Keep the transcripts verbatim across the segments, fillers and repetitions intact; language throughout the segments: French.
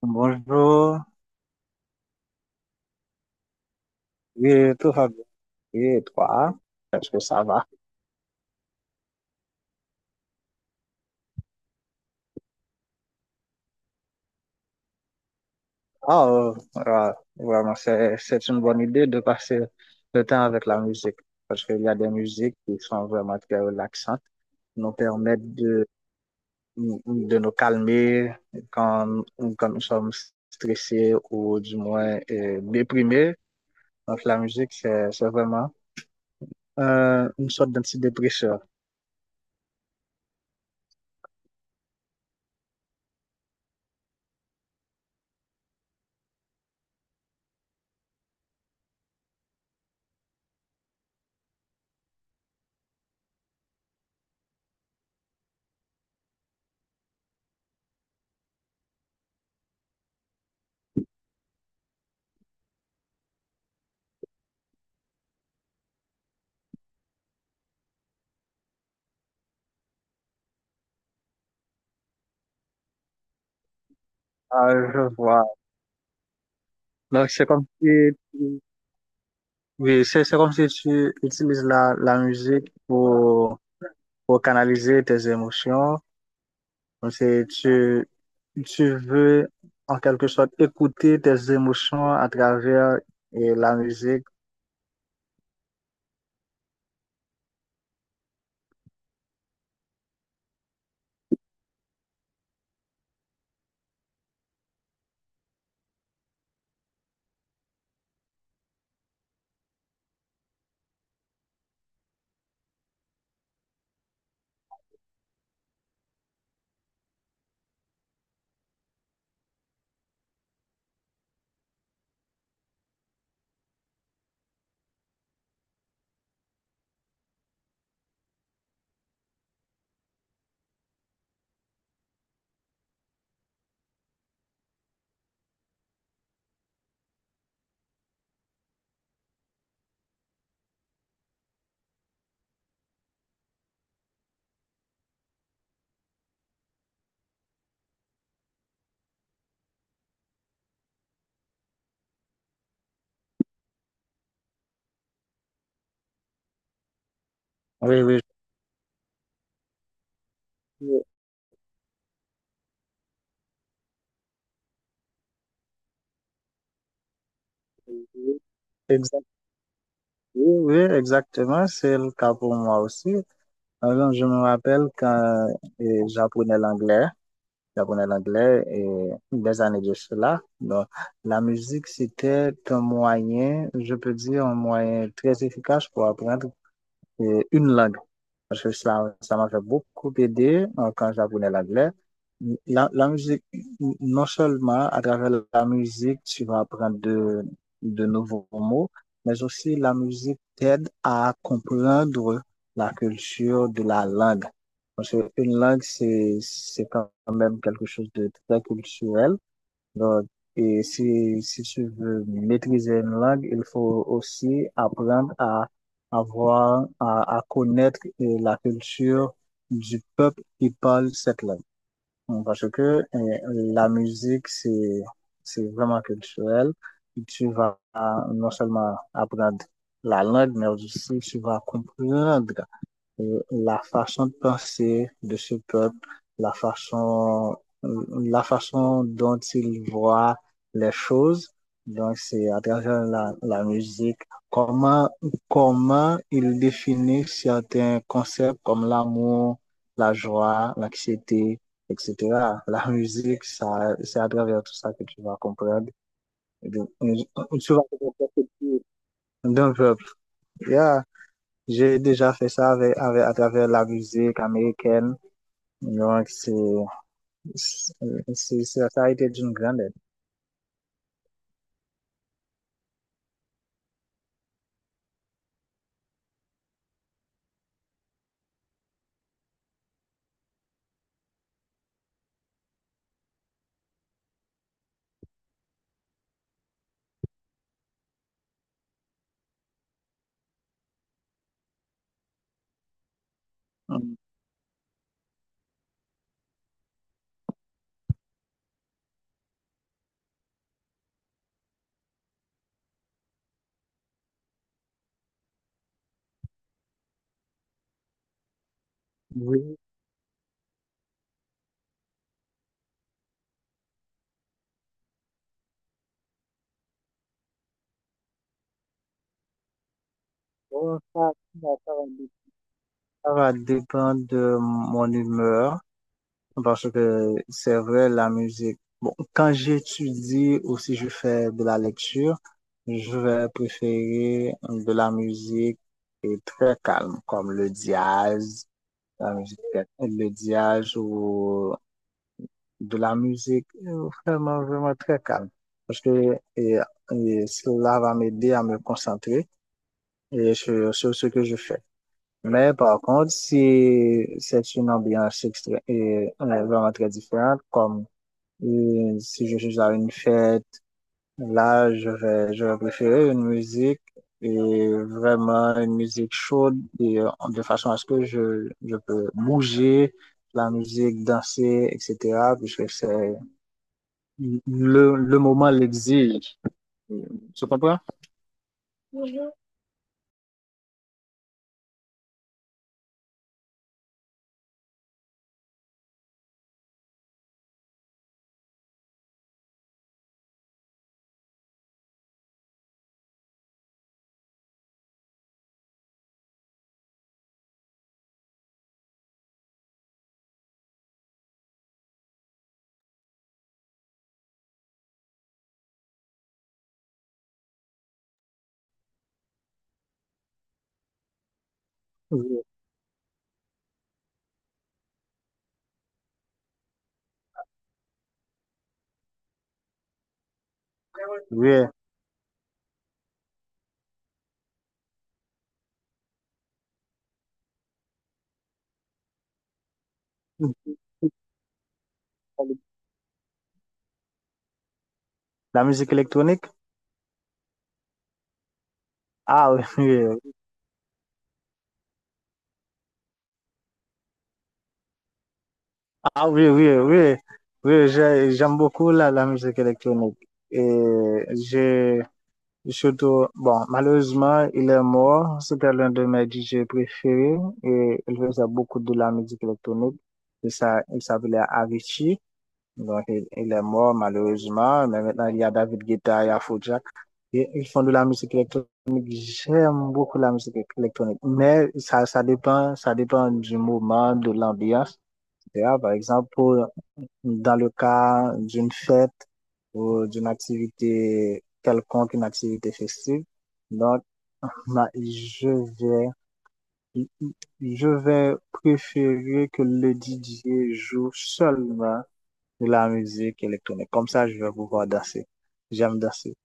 Bonjour, oui, tout va bien. Oui, et toi, est-ce que ça va? Ah, euh, ah, vraiment, c'est, c'est une bonne idée de passer le temps avec la musique parce qu'il y a des musiques qui sont vraiment très relaxantes, nous permettent de, de nous calmer quand, quand nous sommes stressés ou du moins euh, déprimés. Donc, la musique, c'est, c'est vraiment euh, une sorte d'antidépresseur. Ah, je vois. Donc, c'est comme si Oui, c'est c'est comme si tu utilises la, la musique pour, pour canaliser tes émotions. Comme si tu, tu veux, en quelque sorte, écouter tes émotions à travers et la musique. Oui, oui. Exact- Oui, oui, exactement. C'est le cas pour moi aussi. Alors, je me rappelle quand euh, j'apprenais l'anglais. J'apprenais l'anglais et des années de cela. Donc, la musique, c'était un moyen, je peux dire, un moyen très efficace pour apprendre et une langue. Parce que ça, ça m'a fait beaucoup aider euh, quand j'apprenais l'anglais. La, la musique, non seulement à travers la musique, tu vas apprendre de, de nouveaux mots, mais aussi la musique t'aide à comprendre la culture de la langue. Parce qu'une langue, c'est, c'est quand même quelque chose de très culturel. Donc, et si, si tu veux maîtriser une langue, il faut aussi apprendre à avoir, à, à connaître eh, la culture du peuple qui parle cette langue. Parce que eh, la musique, c'est, c'est vraiment culturel. Tu vas ah, non seulement apprendre la langue, mais aussi tu vas comprendre euh, la façon de penser de ce peuple, la façon, euh, la façon dont il voit les choses. Donc, c'est à travers la, la musique, comment, comment il définit certains concepts comme l'amour, la joie, l'anxiété, et cetera. La musique, ça, c'est à travers tout ça que tu vas comprendre. Et donc, tu vas comprendre d'un peuple. Yeah. J'ai déjà fait ça avec, avec, à travers la musique américaine. Donc, c'est, c'est, c'est- ça a été d'une grande aide. Mm. Oui, bon, ça, ça ça va dé- ça va dépendre de mon humeur parce que c'est vrai, la musique. Bon, quand j'étudie ou si je fais de la lecture, je vais préférer de la musique et très calme, comme le jazz, la musique, le jazz ou de la musique, euh, vraiment, vraiment très calme. Parce que et, et cela va m'aider à me concentrer et sur, sur ce que je fais. Mais par contre, si c'est une ambiance extra- et, euh, vraiment très différente, comme euh, si je suis à une fête, là, je vais, je vais préférer une musique et vraiment une musique chaude et, euh, de façon à ce que je, je peux bouger la musique, danser, et cetera, puisque c'est le, le moment l'exige. Tu comprends? Oui. Oui. La musique électronique? Ah, oui, oui. Ah, oui, oui, oui. Oui, j'ai- j'aime beaucoup la, la musique électronique. Et j'ai surtout, bon, malheureusement, il est mort. C'était l'un de mes D J préférés et il faisait beaucoup de la musique électronique. Et ça, il s'appelait Avicii. Donc, il, il est mort malheureusement, mais maintenant il y a David Guetta, il y a Afrojack. Et ils font de la musique électronique. J'aime beaucoup la musique électronique, mais ça, ça dépend, ça dépend du moment, de l'ambiance, et cetera. Par exemple, pour- dans le cas d'une fête ou d'une activité quelconque, une activité festive, donc ma- je vais, je vais préférer que le D J joue seulement de la musique électronique. Comme ça, je vais pouvoir danser. J'aime danser.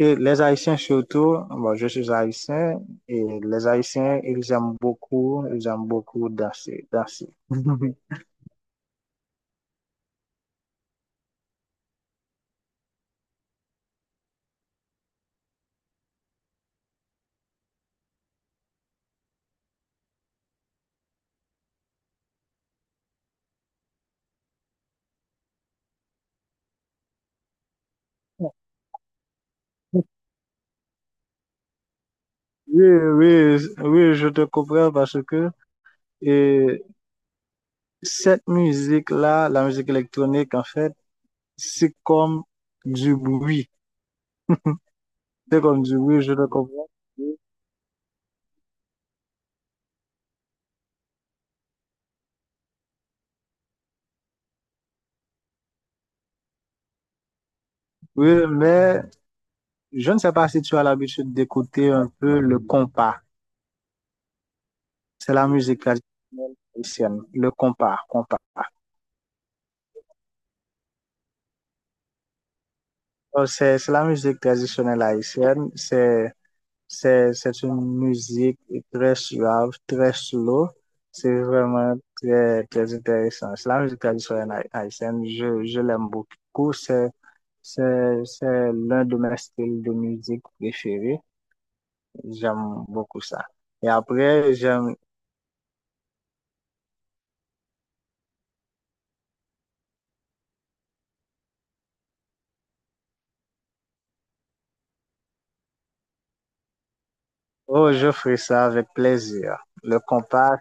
Et les Haïtiens surtout, bon, je suis haïtien et les Haïtiens, ils aiment beaucoup, ils aiment beaucoup danser, danser. Oui, oui, oui, je te comprends parce que et cette musique-là, la musique électronique, en fait, c'est comme du bruit. C'est comme du bruit, je te comprends. Oui, mais je ne sais pas si tu as l'habitude d'écouter un peu le compas. C'est la musique traditionnelle haïtienne, le compas, compas. Oh, C'est c'est la musique traditionnelle haïtienne. C'est c'est- c'est une musique très suave, très slow. C'est vraiment très, très intéressant. C'est la musique traditionnelle haï- haïtienne. Je, je l'aime beaucoup. C'est c'est- c'est l'un de mes styles de musique préférés. J'aime beaucoup ça. Et après, j'aime. Oh, je ferai ça avec plaisir. Le compas.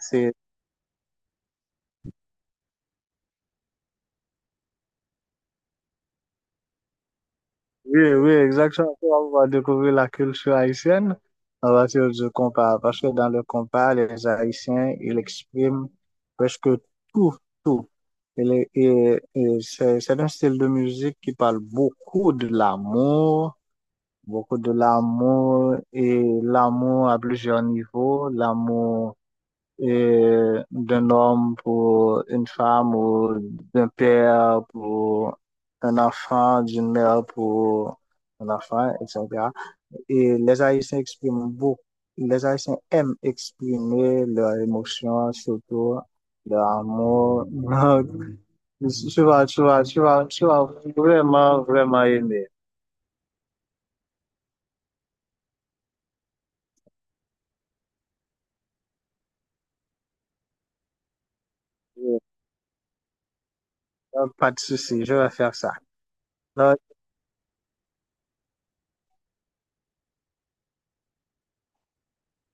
Oui, oui, exactement. On va découvrir la culture haïtienne à partir du compas. Parce que dans le compas, les Haïtiens, ils expriment presque tout, tout. Et, les- et- et c'est c'est un style de musique qui parle beaucoup de l'amour, beaucoup de l'amour et l'amour à plusieurs niveaux, l'amour et d'un homme pour une femme ou d'un père pour un enfant, d'une mère pour un enfant, et cetera. Et les Haïtiens expriment beaucoup, les Haïtiens aiment exprimer leurs émotions, surtout leur amour. Donc, tu vas, tu vas, tu vas, tu vas vraiment, vraiment aimer. Et, euh, pas de souci, je vais faire ça. Donc,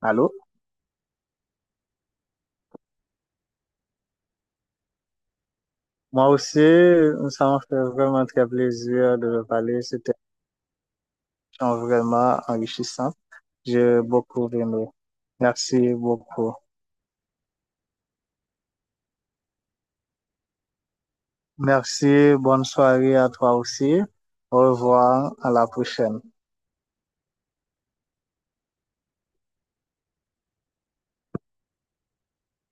allô? Moi aussi, euh, ça m'a fait vraiment très plaisir de le parler. C'était un échange vraiment enrichissant. J'ai beaucoup aimé. Merci beaucoup. Merci. Bonne soirée à toi aussi. Au revoir. À la prochaine.